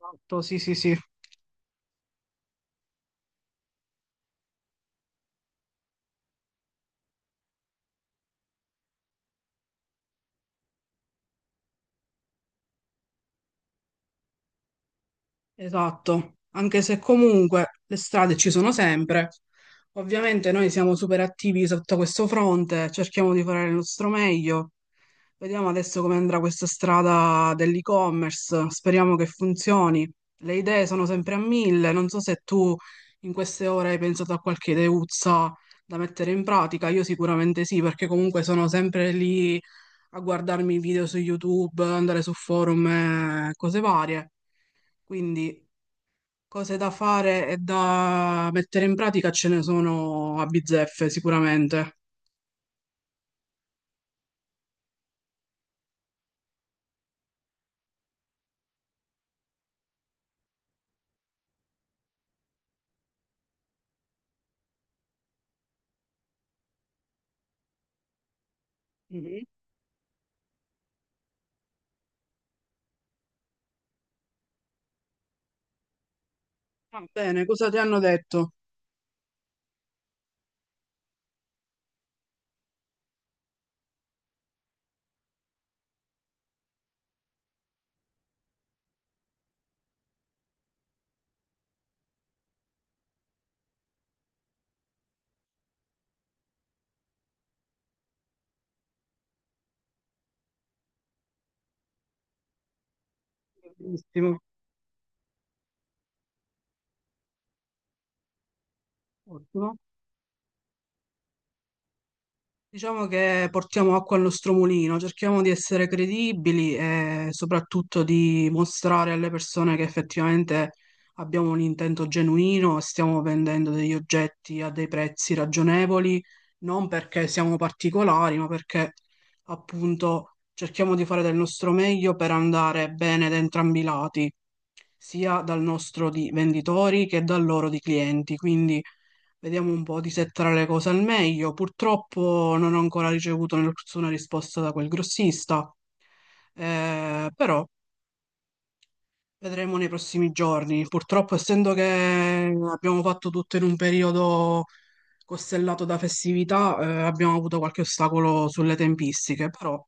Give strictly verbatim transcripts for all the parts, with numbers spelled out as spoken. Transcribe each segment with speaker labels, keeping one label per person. Speaker 1: Esatto, sì, sì, sì, esatto. Anche se comunque le strade ci sono sempre. Ovviamente noi siamo super attivi sotto questo fronte, cerchiamo di fare il nostro meglio. Vediamo adesso come andrà questa strada dell'e-commerce, speriamo che funzioni. Le idee sono sempre a mille, non so se tu in queste ore hai pensato a qualche ideuzza da mettere in pratica, io sicuramente sì, perché comunque sono sempre lì a guardarmi i video su YouTube, andare su forum e cose varie. Quindi cose da fare e da mettere in pratica ce ne sono a bizzeffe sicuramente. Mhm. Va bene, cosa ti hanno detto? Benissimo, ottimo. Diciamo che portiamo acqua al nostro mulino, cerchiamo di essere credibili e soprattutto di mostrare alle persone che effettivamente abbiamo un intento genuino e stiamo vendendo degli oggetti a dei prezzi ragionevoli, non perché siamo particolari, ma perché appunto cerchiamo di fare del nostro meglio per andare bene da entrambi i lati, sia dal nostro di venditori che dal loro di clienti. Quindi vediamo un po' di settare le cose al meglio. Purtroppo non ho ancora ricevuto nessuna risposta da quel grossista, eh, però vedremo nei prossimi giorni. Purtroppo, essendo che abbiamo fatto tutto in un periodo costellato da festività, eh, abbiamo avuto qualche ostacolo sulle tempistiche, però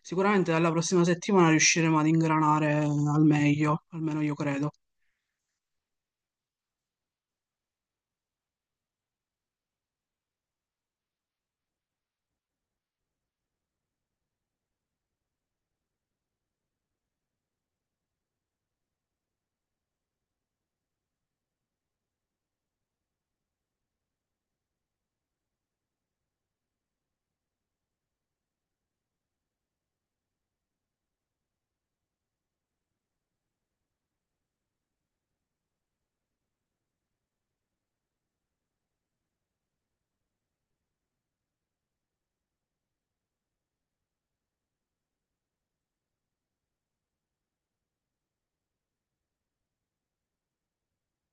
Speaker 1: sicuramente dalla prossima settimana riusciremo ad ingranare al meglio, almeno io credo.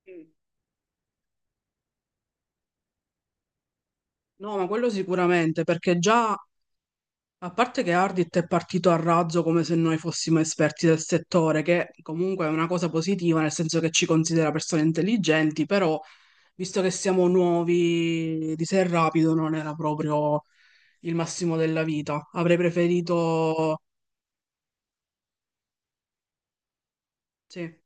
Speaker 1: Mm. No, ma quello sicuramente, perché già a parte che Ardit è partito a razzo come se noi fossimo esperti del settore, che comunque è una cosa positiva, nel senso che ci considera persone intelligenti, però visto che siamo nuovi di Sé Rapido non era proprio il massimo della vita. Avrei preferito... Sì,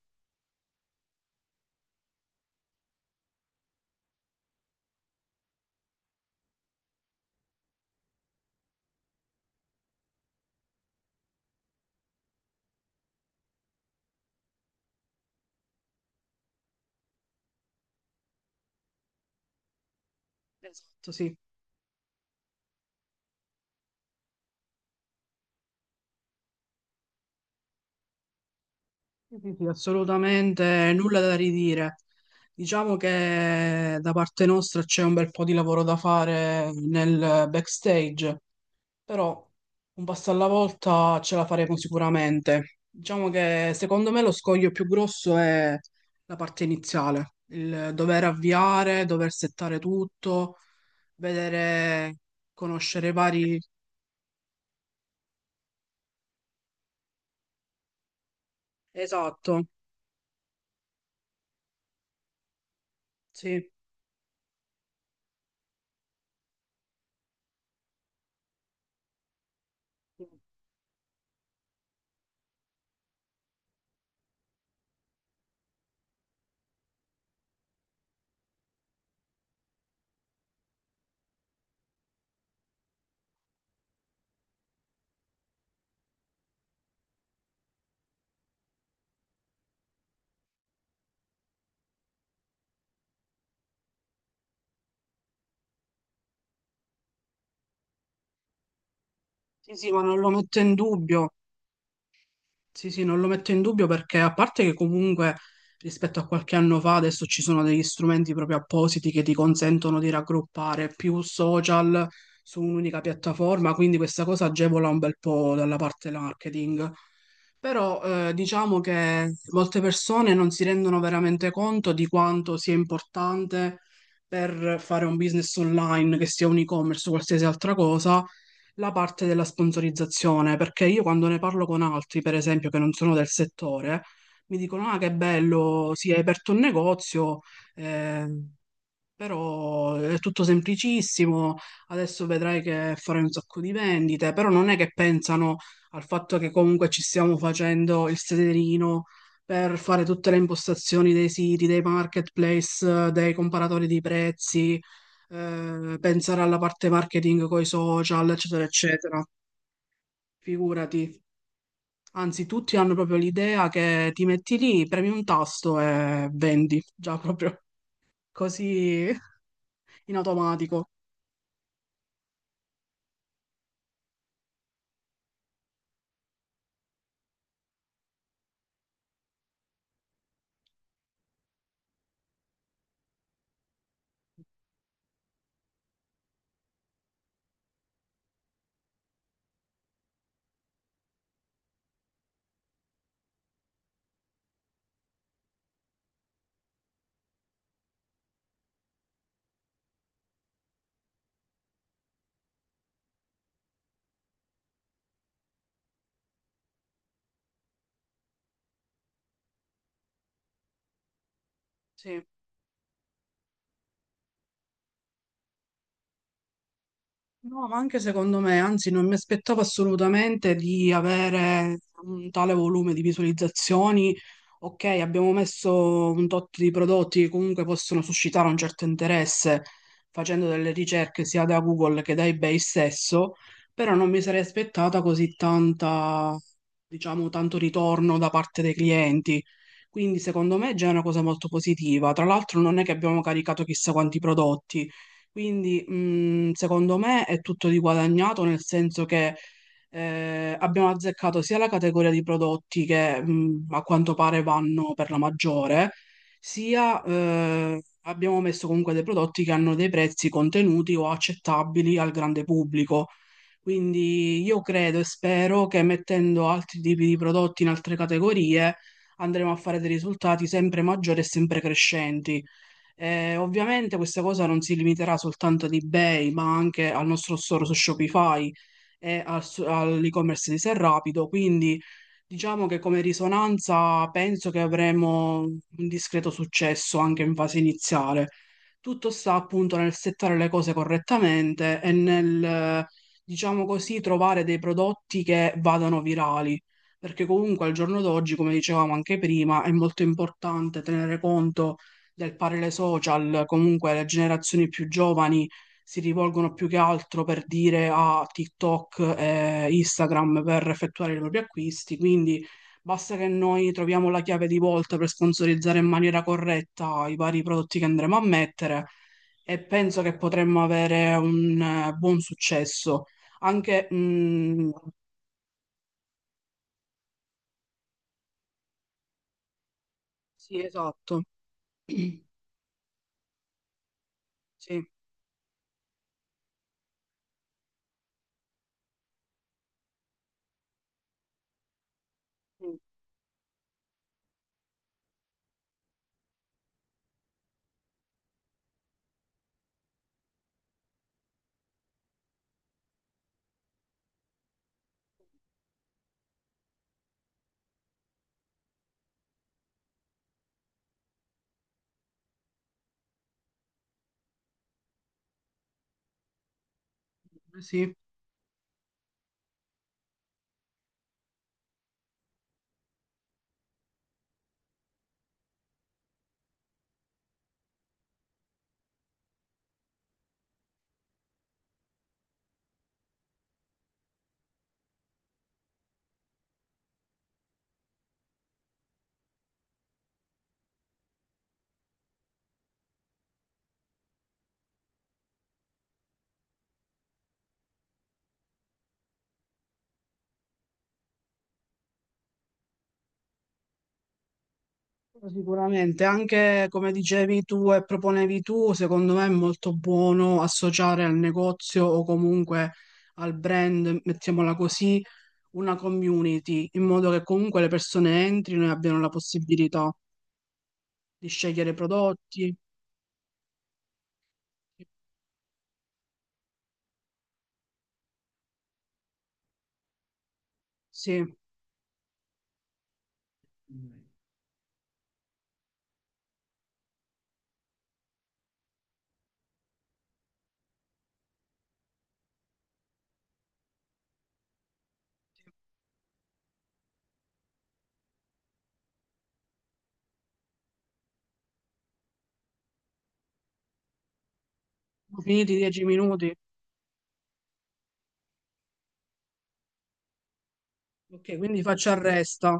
Speaker 1: esatto, sì. Sì, sì, sì, assolutamente nulla da ridire. Diciamo che da parte nostra c'è un bel po' di lavoro da fare nel backstage. Però un passo alla volta ce la faremo sicuramente. Diciamo che secondo me lo scoglio più grosso è la parte iniziale, il dover avviare, dover settare tutto, vedere, conoscere i vari... Esatto, sì. Sì, sì, ma non lo metto in dubbio. Sì, sì, non lo metto in dubbio perché a parte che comunque rispetto a qualche anno fa adesso ci sono degli strumenti proprio appositi che ti consentono di raggruppare più social su un'unica piattaforma, quindi questa cosa agevola un bel po' dalla parte marketing. Però eh, diciamo che molte persone non si rendono veramente conto di quanto sia importante per fare un business online, che sia un e-commerce o qualsiasi altra cosa, la parte della sponsorizzazione, perché io quando ne parlo con altri, per esempio, che non sono del settore, mi dicono: "Ah, che bello, si è aperto un negozio, eh, però è tutto semplicissimo, adesso vedrai che farai un sacco di vendite", però non è che pensano al fatto che comunque ci stiamo facendo il sederino per fare tutte le impostazioni dei siti, dei marketplace, eh, dei comparatori di prezzi, eh, pensare alla parte marketing con i social, eccetera, eccetera. Figurati, anzi tutti hanno proprio l'idea che ti metti lì, premi un tasto e vendi, già proprio così in automatico. Sì. No, ma anche secondo me, anzi, non mi aspettavo assolutamente di avere un tale volume di visualizzazioni. Ok, abbiamo messo un tot di prodotti che comunque possono suscitare un certo interesse facendo delle ricerche sia da Google che da eBay stesso, però non mi sarei aspettata così tanta, diciamo, tanto ritorno da parte dei clienti. Quindi secondo me è già una cosa molto positiva. Tra l'altro non è che abbiamo caricato chissà quanti prodotti. Quindi, mh, secondo me è tutto riguadagnato, nel senso che eh, abbiamo azzeccato sia la categoria di prodotti che mh, a quanto pare vanno per la maggiore, sia eh, abbiamo messo comunque dei prodotti che hanno dei prezzi contenuti o accettabili al grande pubblico. Quindi io credo e spero che mettendo altri tipi di prodotti in altre categorie andremo a fare dei risultati sempre maggiori e sempre crescenti. Eh, ovviamente questa cosa non si limiterà soltanto ad eBay, ma anche al nostro store su Shopify e al su- all'e-commerce di Serrapido, quindi diciamo che come risonanza penso che avremo un discreto successo anche in fase iniziale. Tutto sta appunto nel settare le cose correttamente e nel, eh, diciamo così, trovare dei prodotti che vadano virali. Perché comunque al giorno d'oggi, come dicevamo anche prima, è molto importante tenere conto del parere social, comunque le generazioni più giovani si rivolgono più che altro per dire a TikTok e Instagram per effettuare i propri acquisti, quindi basta che noi troviamo la chiave di volta per sponsorizzare in maniera corretta i vari prodotti che andremo a mettere e penso che potremmo avere un eh, buon successo. Anche, mm, sì, esatto, sì, mm, sì. Sicuramente, anche come dicevi tu e proponevi tu, secondo me è molto buono associare al negozio o comunque al brand, mettiamola così, una community, in modo che comunque le persone entrino e abbiano la possibilità di scegliere prodotti. Sì, ho finito i dieci minuti. Ok, quindi faccio arresta.